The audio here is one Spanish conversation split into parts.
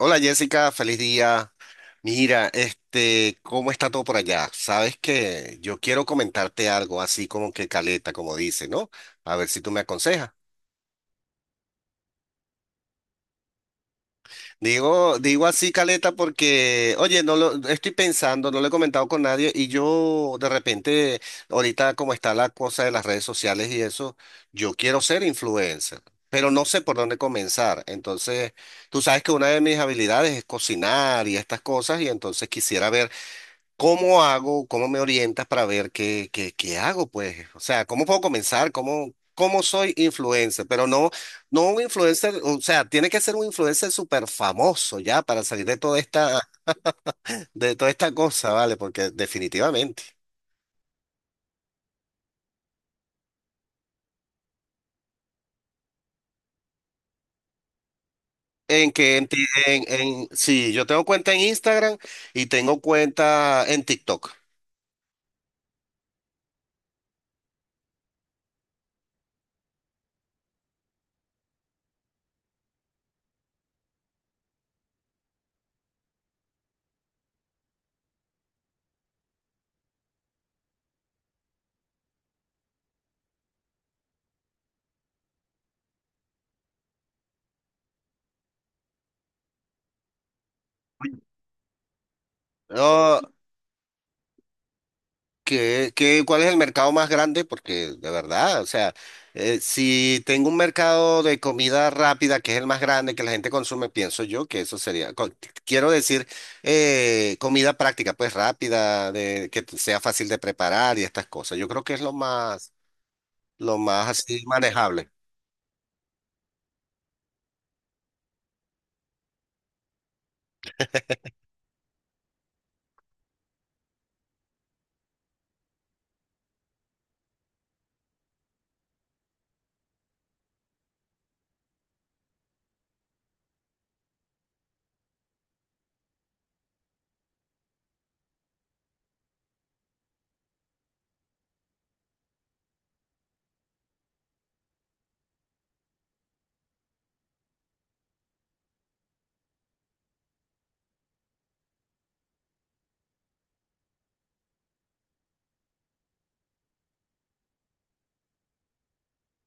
Hola Jessica, feliz día. Mira, este, ¿cómo está todo por allá? Sabes que yo quiero comentarte algo así como que caleta, como dice, ¿no? A ver si tú me aconsejas. Digo así caleta porque, oye, no lo estoy pensando, no lo he comentado con nadie y yo de repente, ahorita como está la cosa de las redes sociales y eso, yo quiero ser influencer, pero no sé por dónde comenzar. Entonces, tú sabes que una de mis habilidades es cocinar y estas cosas y entonces quisiera ver, ¿cómo hago? ¿Cómo me orientas para ver qué hago? Pues, o sea, ¿cómo puedo comenzar? ¿Cómo soy influencer? Pero no, no un influencer, o sea, tiene que ser un influencer súper famoso ya para salir de toda esta cosa, ¿vale? Porque definitivamente. En que en, ti- en- sí, yo tengo cuenta en Instagram y tengo cuenta en TikTok. No, cuál es el mercado más grande? Porque de verdad, o sea, si tengo un mercado de comida rápida que es el más grande que la gente consume, pienso yo que eso sería, quiero decir, comida práctica, pues rápida, de, sea fácil de preparar y estas cosas. Yo creo que es lo más así manejable.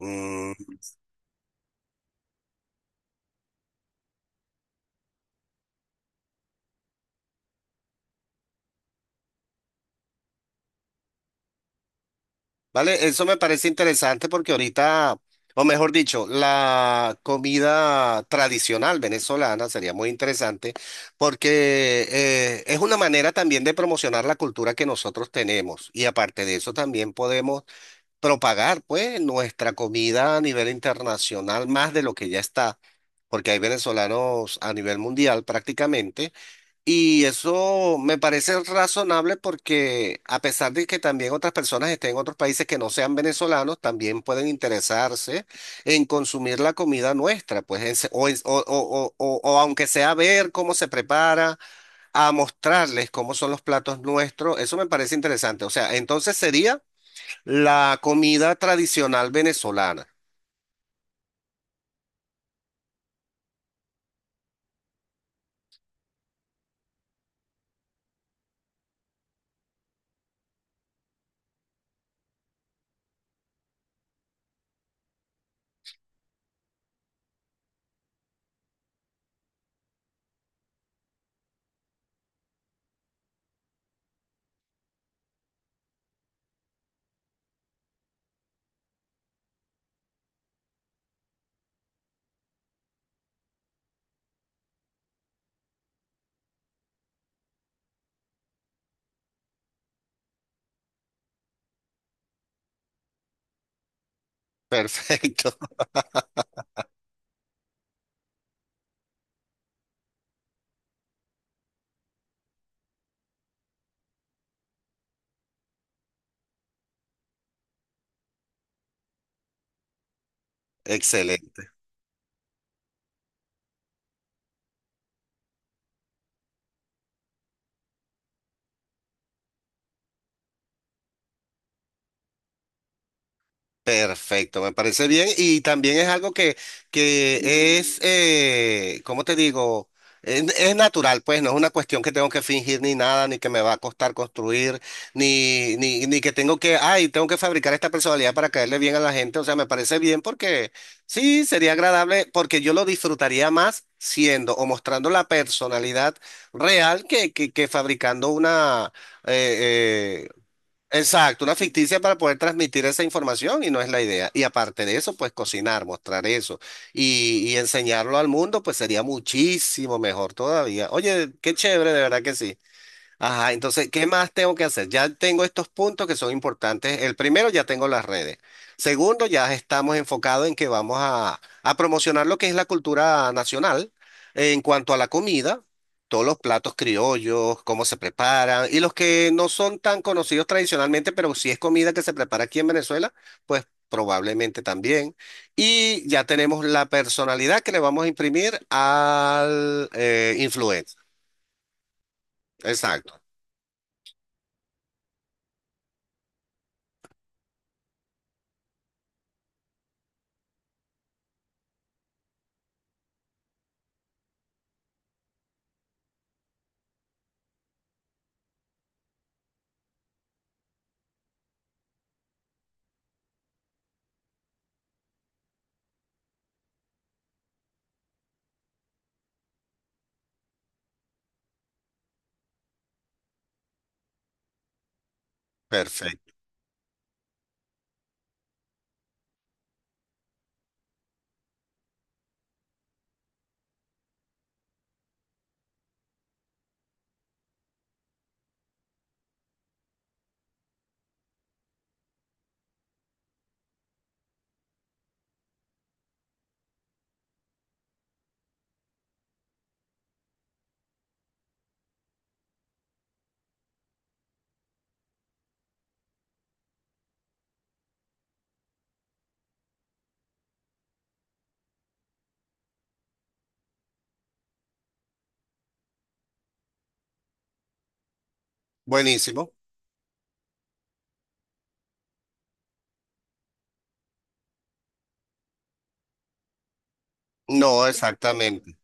Mm. ¿Vale? Eso me parece interesante porque ahorita, o mejor dicho, la comida tradicional venezolana sería muy interesante porque es una manera también de promocionar la cultura que nosotros tenemos y aparte de eso también podemos propagar pues nuestra comida a nivel internacional más de lo que ya está, porque hay venezolanos a nivel mundial prácticamente. Y eso me parece razonable porque a pesar de que también otras personas estén en otros países que no sean venezolanos, también pueden interesarse en consumir la comida nuestra, pues en se- o, en- o- o aunque sea ver cómo se prepara, a mostrarles cómo son los platos nuestros, eso me parece interesante. O sea, entonces sería la comida tradicional venezolana. Perfecto, excelente. Perfecto, me parece bien. Y también es algo que es, ¿cómo te digo? Es natural, pues no es una cuestión que tengo que fingir ni nada, ni que me va a costar construir, ni que tengo que, ay, tengo que fabricar esta personalidad para caerle bien a la gente. O sea, me parece bien porque sí, sería agradable, porque yo lo disfrutaría más siendo o mostrando la personalidad real que fabricando una... eh, eh, exacto, una ficticia para poder transmitir esa información y no es la idea. Y aparte de eso, pues cocinar, mostrar eso y enseñarlo al mundo, pues sería muchísimo mejor todavía. Oye, qué chévere, de verdad que sí. Ajá, entonces, ¿qué más tengo que hacer? Ya tengo estos puntos que son importantes. El primero, ya tengo las redes. Segundo, ya estamos enfocados en que vamos a promocionar lo que es la cultura nacional en cuanto a la comida, todos los platos criollos, cómo se preparan y los que no son tan conocidos tradicionalmente, pero si es comida que se prepara aquí en Venezuela, pues probablemente también. Y ya tenemos la personalidad que le vamos a imprimir al influencer. Exacto, perfecto. Buenísimo. No, exactamente.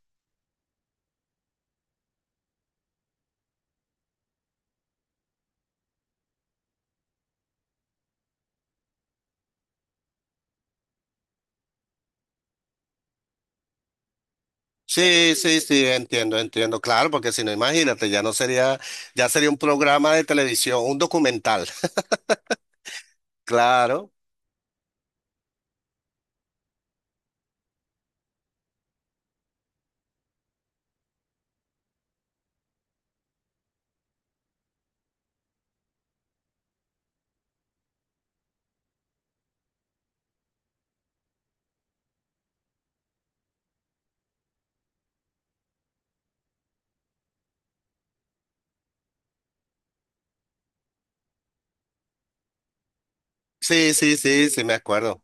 Sí, sí, sí, entiendo, entiendo. Claro, porque si no, imagínate, ya no sería, ya sería un programa de televisión, un documental. Claro. Sí, sí, sí, sí, me acuerdo.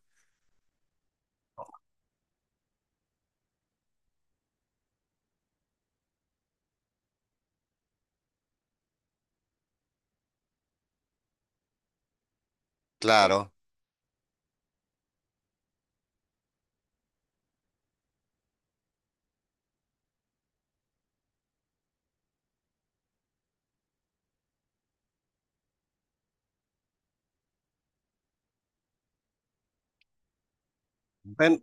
Claro. Bueno,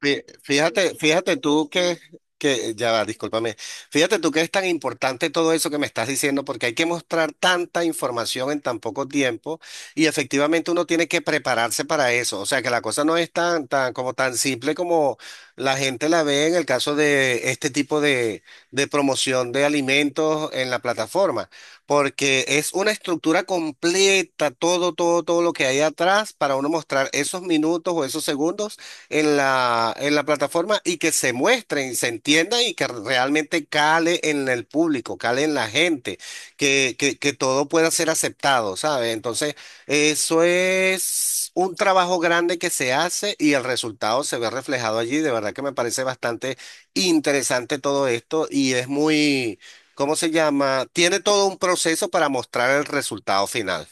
Fíjate, fíjate tú ya va, discúlpame, fíjate tú que es tan importante todo eso que me estás diciendo porque hay que mostrar tanta información en tan poco tiempo y efectivamente uno tiene que prepararse para eso, o sea que la cosa no es tan, tan, como tan simple como la gente la ve en el caso de este tipo de promoción de alimentos en la plataforma, porque es una estructura completa, todo, todo, todo lo que hay atrás para uno mostrar esos minutos o esos segundos en la plataforma y que se muestren, se entiendan y que realmente cale en el público, cale en la gente, que todo pueda ser aceptado, ¿sabes? Entonces, eso es un trabajo grande que se hace y el resultado se ve reflejado allí. De verdad que me parece bastante interesante todo esto y es muy, ¿cómo se llama? Tiene todo un proceso para mostrar el resultado final.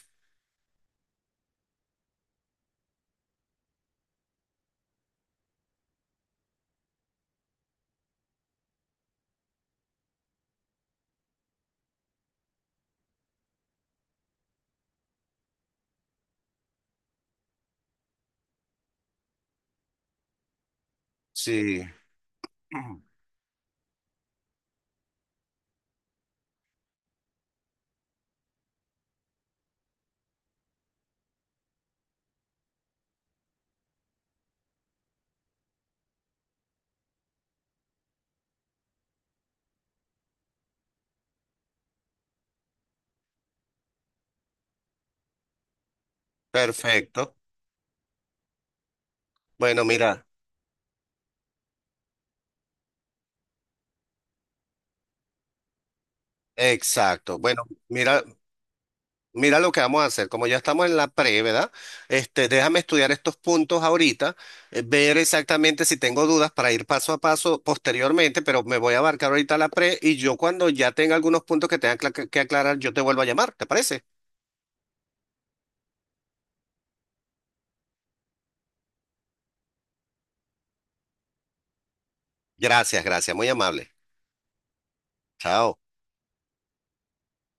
Sí. Perfecto. Bueno, mira. Exacto. Bueno, mira, mira lo que vamos a hacer. Como ya estamos en la pre, ¿verdad? Este, déjame estudiar estos puntos ahorita, ver exactamente si tengo dudas para ir paso a paso posteriormente, pero me voy a abarcar ahorita la pre y yo cuando ya tenga algunos puntos que tenga que aclarar, yo te vuelvo a llamar, ¿te parece? Gracias, gracias, muy amable. Chao.